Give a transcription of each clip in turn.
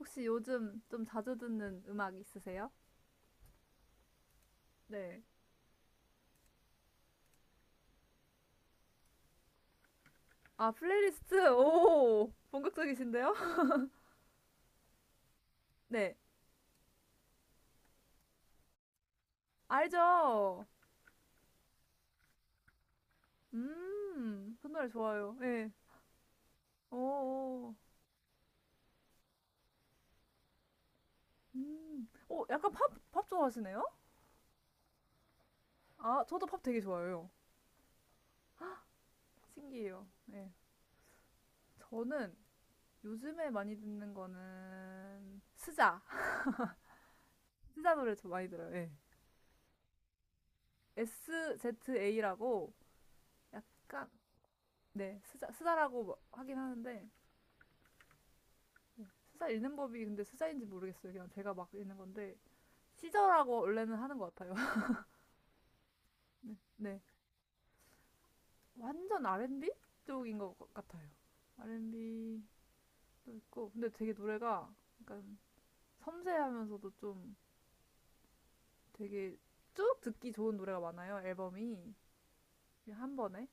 혹시 요즘 좀 자주 듣는 음악 있으세요? 네. 아, 플레이리스트? 오, 본격적이신데요? 네, 알죠? 그 노래 좋아요. 예. 오, 오, 오 약간 팝 좋아하시네요? 아, 저도 팝 되게 좋아해요. 신기해요. 예. 저는 요즘에 많이 듣는 거는 스자. 스자 노래 좀 많이 들어요. 예. SZA라고 약간, 네, 스자, 스자라고 뭐 하긴 하는데, 스사 읽는 법이 근데 스사인지 모르겠어요. 그냥 제가 막 읽는 건데 시저라고 원래는 하는 것 같아요. 네, 네. 완전 R&B 쪽인 것 같아요. R&B도 있고 근데 되게 노래가 약간 섬세하면서도 좀 되게 쭉 듣기 좋은 노래가 많아요. 앨범이 한 번에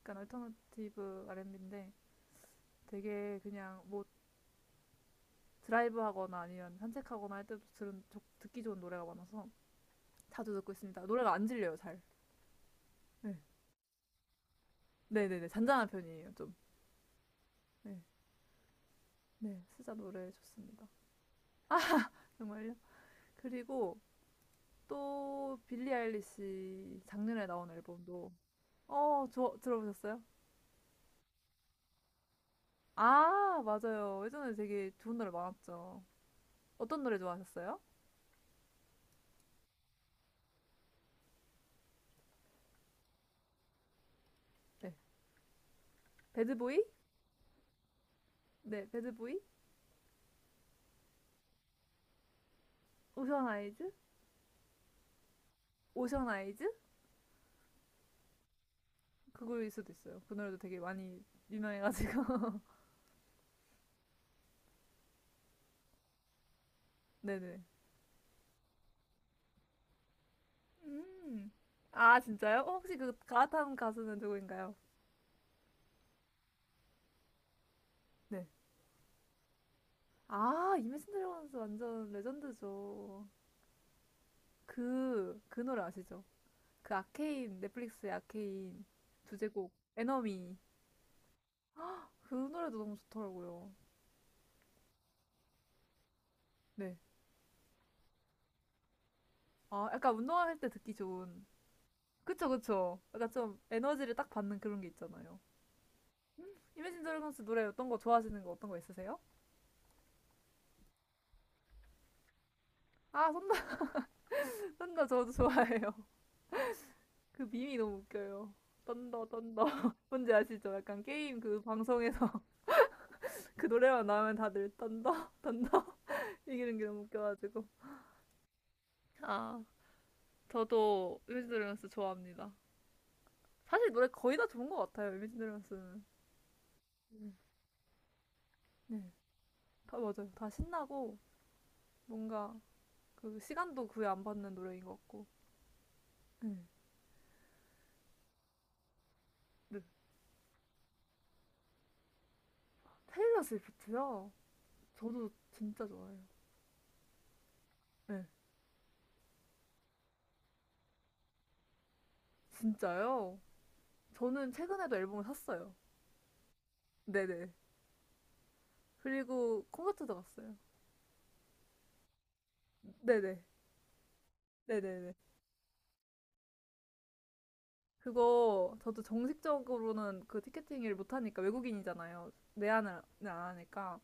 약간 얼터너티브 R&B인데 되게 그냥 뭐 드라이브하거나 아니면 산책하거나 할 때도 들은 듣기 좋은 노래가 많아서 자주 듣고 있습니다. 노래가 안 질려요 잘. 네. 네네네. 잔잔한 편이에요, 좀. 네. 네. 스자 노래 좋습니다. 정말요? 그리고 또 빌리 아일리시 작년에 나온 앨범도 어, 저 들어보셨어요? 아, 맞아요. 예전에 되게 좋은 노래 많았죠. 어떤 노래 좋아하셨어요? 네. 배드보이? 네, 배드보이? 오션 아이즈? 오션 아이즈? 그거일 수도 있어요. 그 노래도 되게 많이 유명해가지고. 네네. 음. 아, 진짜요? 어, 혹시 그 가타는 가수는 누구인가요? 네. 아, 이매진 드래곤스 완전 레전드죠. 그 노래 아시죠? 그 아케인, 넷플릭스의 아케인 주제곡, 에너미. 그 노래도 너무 좋더라고요. 네. 아, 약간 운동할 때 듣기 좋은. 그쵸, 그쵸. 약간 좀 에너지를 딱 받는 그런 게 있잖아요. 음, 이매진 드래곤스 노래 어떤 거 좋아하시는 거 어떤 거 있으세요? 아, 던더 선더 저도 좋아해요. 그 밈이 너무 웃겨요. 던더 던더 뭔지 아시죠? 약간 게임 그 방송에서 그 노래만 나오면 다들 던더던더 이기는 게 너무 웃겨가지고. 아, 저도 이미지 드래곤스 좋아합니다. 사실 노래 거의 다 좋은 것 같아요, 이미지 드래곤스는. 네. 다, 맞아요. 다 신나고, 뭔가, 그, 시간도 구애 안 받는 노래인 것 같고. 네. 네. 테일러 스위프트요? 저도 진짜 좋아해요. 네. 진짜요? 저는 최근에도 앨범을 샀어요. 네네. 그리고 콘서트도 갔어요. 네네. 네네네. 그거 저도 정식적으로는 그 티켓팅 일 못하니까 외국인이잖아요. 내한을 안 하니까.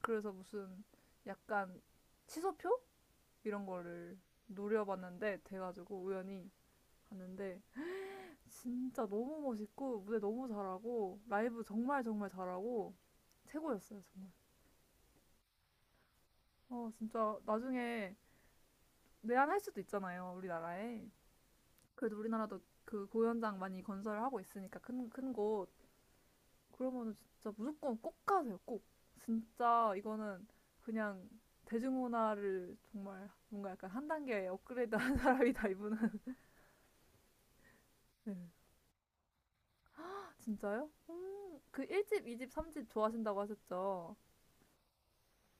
그래서 무슨 약간 취소표? 이런 거를 노려봤는데 돼가지고 우연히 봤는데 진짜 너무 멋있고 무대 너무 잘하고 라이브 정말 정말 잘하고 최고였어요 정말. 어 진짜 나중에 내한할 수도 있잖아요 우리나라에. 그래도 우리나라도 그 공연장 많이 건설하고 있으니까 큰 곳. 그러면은 진짜 무조건 꼭 가세요, 꼭. 진짜 이거는 그냥 대중문화를 정말 뭔가 약간 한 단계 업그레이드 한 사람이다, 이분은. 네. 진짜요? 그 1집, 2집, 3집 좋아하신다고 하셨죠?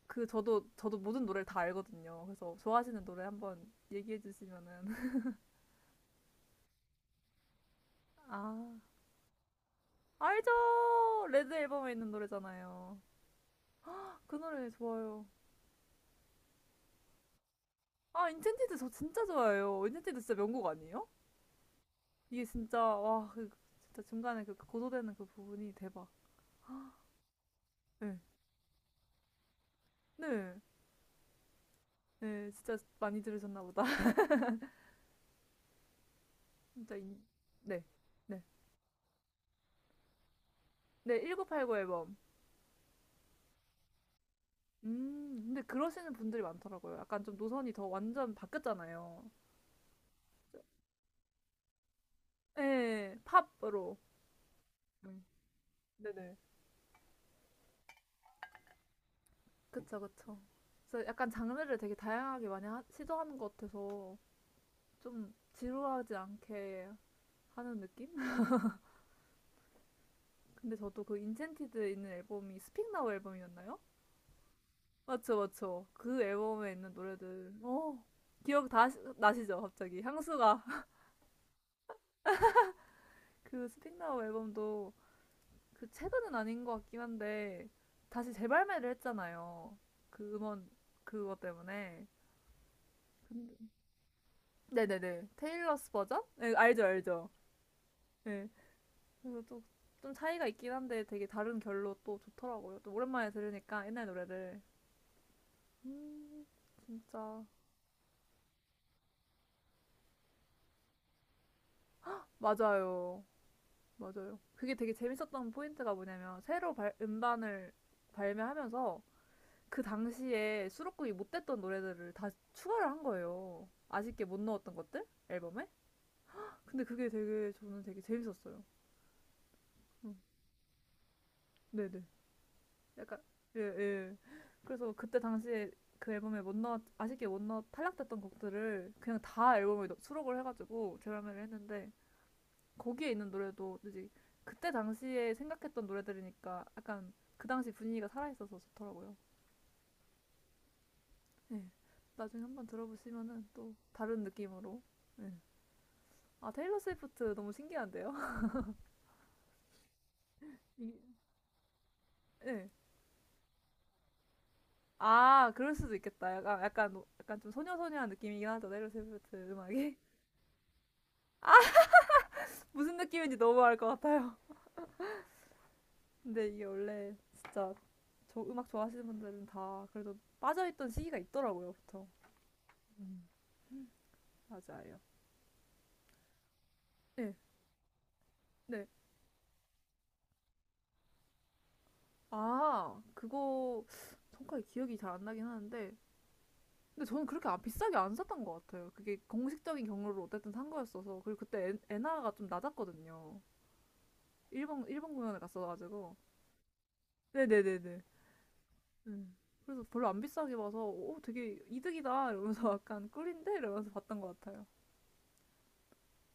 그 저도 모든 노래를 다 알거든요. 그래서 좋아하시는 노래 한번 얘기해 주시면은. 아, 알죠! 레드 앨범에 있는 노래잖아요. 그 노래 좋아요. 아, 인첸티드 저 진짜 좋아해요. 인첸티드 진짜 명곡 아니에요? 이게 진짜 와, 그 진짜 중간에 그 고소되는 그 부분이 대박. 네. 네. 네, 진짜 많이 들으셨나 보다. 진짜 인... 네. 네. 네, 1989 앨범. 근데 그러시는 분들이 많더라고요. 약간 좀 노선이 더 완전 바뀌었잖아요. 네, 팝으로. 음, 네네. 그쵸, 그쵸. 그래서 약간 장르를 되게 다양하게 많이 하- 시도하는 것 같아서 좀 지루하지 않게 하는 느낌? 근데 저도 그 인챈티드 있는 앨범이 스픽 나우 앨범이었나요? 맞죠, 맞죠. 그 앨범에 있는 노래들. 어, 기억 다 시- 나시죠, 갑자기. 향수가. 그 스픽나우 앨범도 그 최근은 아닌 것 같긴 한데, 다시 재발매를 했잖아요. 그 음원, 그거 때문에. 근데, 네네네. 테일러스 버전? 네, 알죠, 알죠. 네. 그래서 또, 좀 차이가 있긴 한데 되게 다른 결로 또 좋더라고요. 또 오랜만에 들으니까 옛날 노래를. 음, 진짜. 맞아요. 맞아요. 그게 되게 재밌었던 포인트가 뭐냐면 새로 발, 음반을 발매하면서 그 당시에 수록곡이 못 됐던 노래들을 다 추가를 한 거예요. 아쉽게 못 넣었던 것들 앨범에. 근데 그게 되게 저는 되게 재밌었어요. 음, 네네. 약간 예 예. 그래서 그때 당시에 그 앨범에 못 넣었 아쉽게 못 넣었 탈락됐던 곡들을 그냥 다 앨범에 넣- 수록을 해가지고 재발매를 했는데 거기에 있는 노래도 이제 그때 당시에 생각했던 노래들이니까 약간 그 당시 분위기가 살아있어서 좋더라고요. 네. 나중에 한번 들어보시면은 또 다른 느낌으로. 네. 아, 테일러 스위프트 너무 신기한데요? 이- 네. 아, 그럴 수도 있겠다. 약간, 노- 약간 좀 소녀소녀한 느낌이긴 하죠. 테일러 스위프트 음악이. 무슨 느낌인지 너무 알 것 같아요. 근데 이게 원래 진짜 저 음악 좋아하시는 분들은 다 그래도 빠져있던 시기가 있더라고요, 보통. 맞아요. 네. 네. 아, 그거 정확하게 기억이 잘 안 나긴 하는데 근데 저는 그렇게 안- 비싸게 안 샀던 것 같아요. 그게 공식적인 경로로 어쨌든 산 거였어서 그리고 그때 엔, 엔화가 좀 낮았거든요. 일본 공연을 갔어가지고 네네네네. 음. 그래서 별로 안 비싸게 봐서 오 되게 이득이다 이러면서 약간 꿀인데 이러면서 봤던 것 같아요.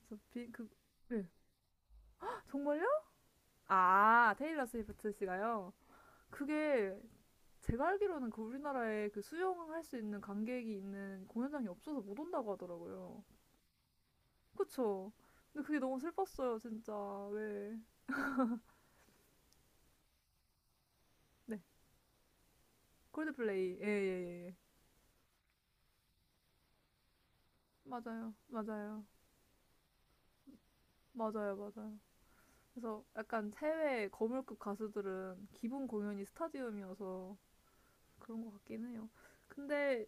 그래서 비, 그 네. 정말요? 아 테일러 스위프트 씨가요. 그게 제가 알기로는 그 우리나라에 그 수영할 수 있는 관객이 있는 공연장이 없어서 못 온다고 하더라고요. 그쵸? 근데 그게 너무 슬펐어요, 진짜. 왜. 네. 콜드플레이. 예, 예, 예. 예. 맞아요. 맞아요. 맞아요. 맞아요. 그래서 약간 해외 거물급 가수들은 기본 공연이 스타디움이어서 그런 것 같긴 해요. 근데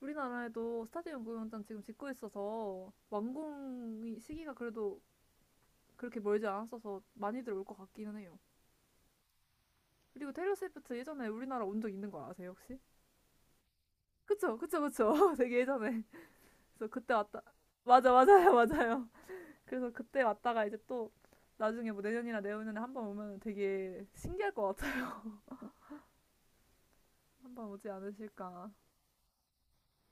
우리나라에도 스타디움 공연장 지금 짓고 있어서 완공 시기가 그래도 그렇게 멀지 않았어서 많이들 올 것 같기는 해요. 그리고 테일러 스위프트 예전에 우리나라 온 적 있는 거 아세요 혹시? 그쵸 그쵸 그쵸 되게 예전에 그래서 그때 왔다 맞아 맞아요 맞아요 그래서 그때 왔다가 이제 또 나중에 뭐 내년이나 내후년에 한번 오면 되게 신기할 것 같아요 한번 오지 않으실까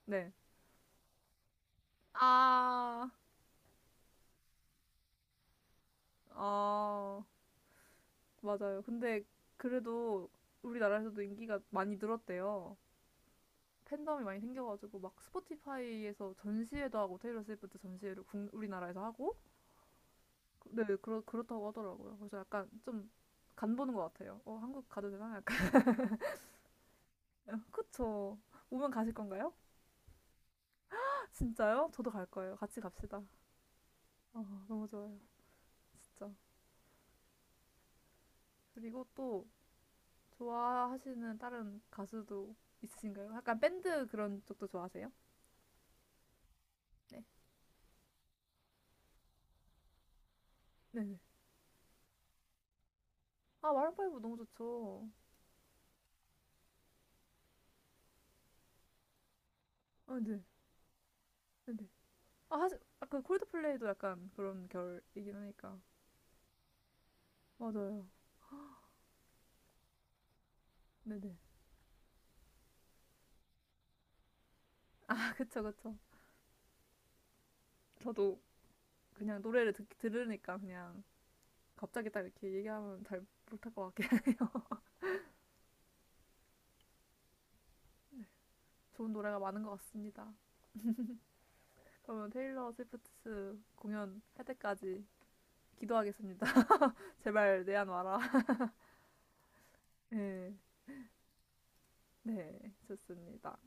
네아 아, 아, 맞아요 근데 그래도 우리나라에서도 인기가 많이 늘었대요 팬덤이 많이 생겨가지고 막 스포티파이에서 전시회도 하고 테일러 스위프트 전시회를 국- 우리나라에서 하고 네, 그렇다고 하더라고요. 그래서 약간 좀 간보는 것 같아요. 어, 한국 가도 되나? 약간. 그쵸. 오면 가실 건가요? 진짜요? 저도 갈 거예요. 같이 갑시다. 아, 너무 좋아요. 진짜. 그리고 또 좋아하시는 다른 가수도 있으신가요? 약간 밴드 그런 쪽도 좋아하세요? 네. 네네. 아, 마룬파이브 너무 좋죠. 아, 네. 네네. 아, 사실, 아까 콜드플레이도 약간 그런 결이긴 하니까. 맞아요. 네네. 아, 그쵸, 그쵸. 저도 그냥 노래를 들으니까 그냥 갑자기 딱 이렇게 얘기하면 잘 못할 것 같긴 해요. 좋은 노래가 많은 것 같습니다. 그러면 테일러 스위프트 공연 할 때까지 기도하겠습니다. 제발 내한 와라. 네, 네, 좋습니다.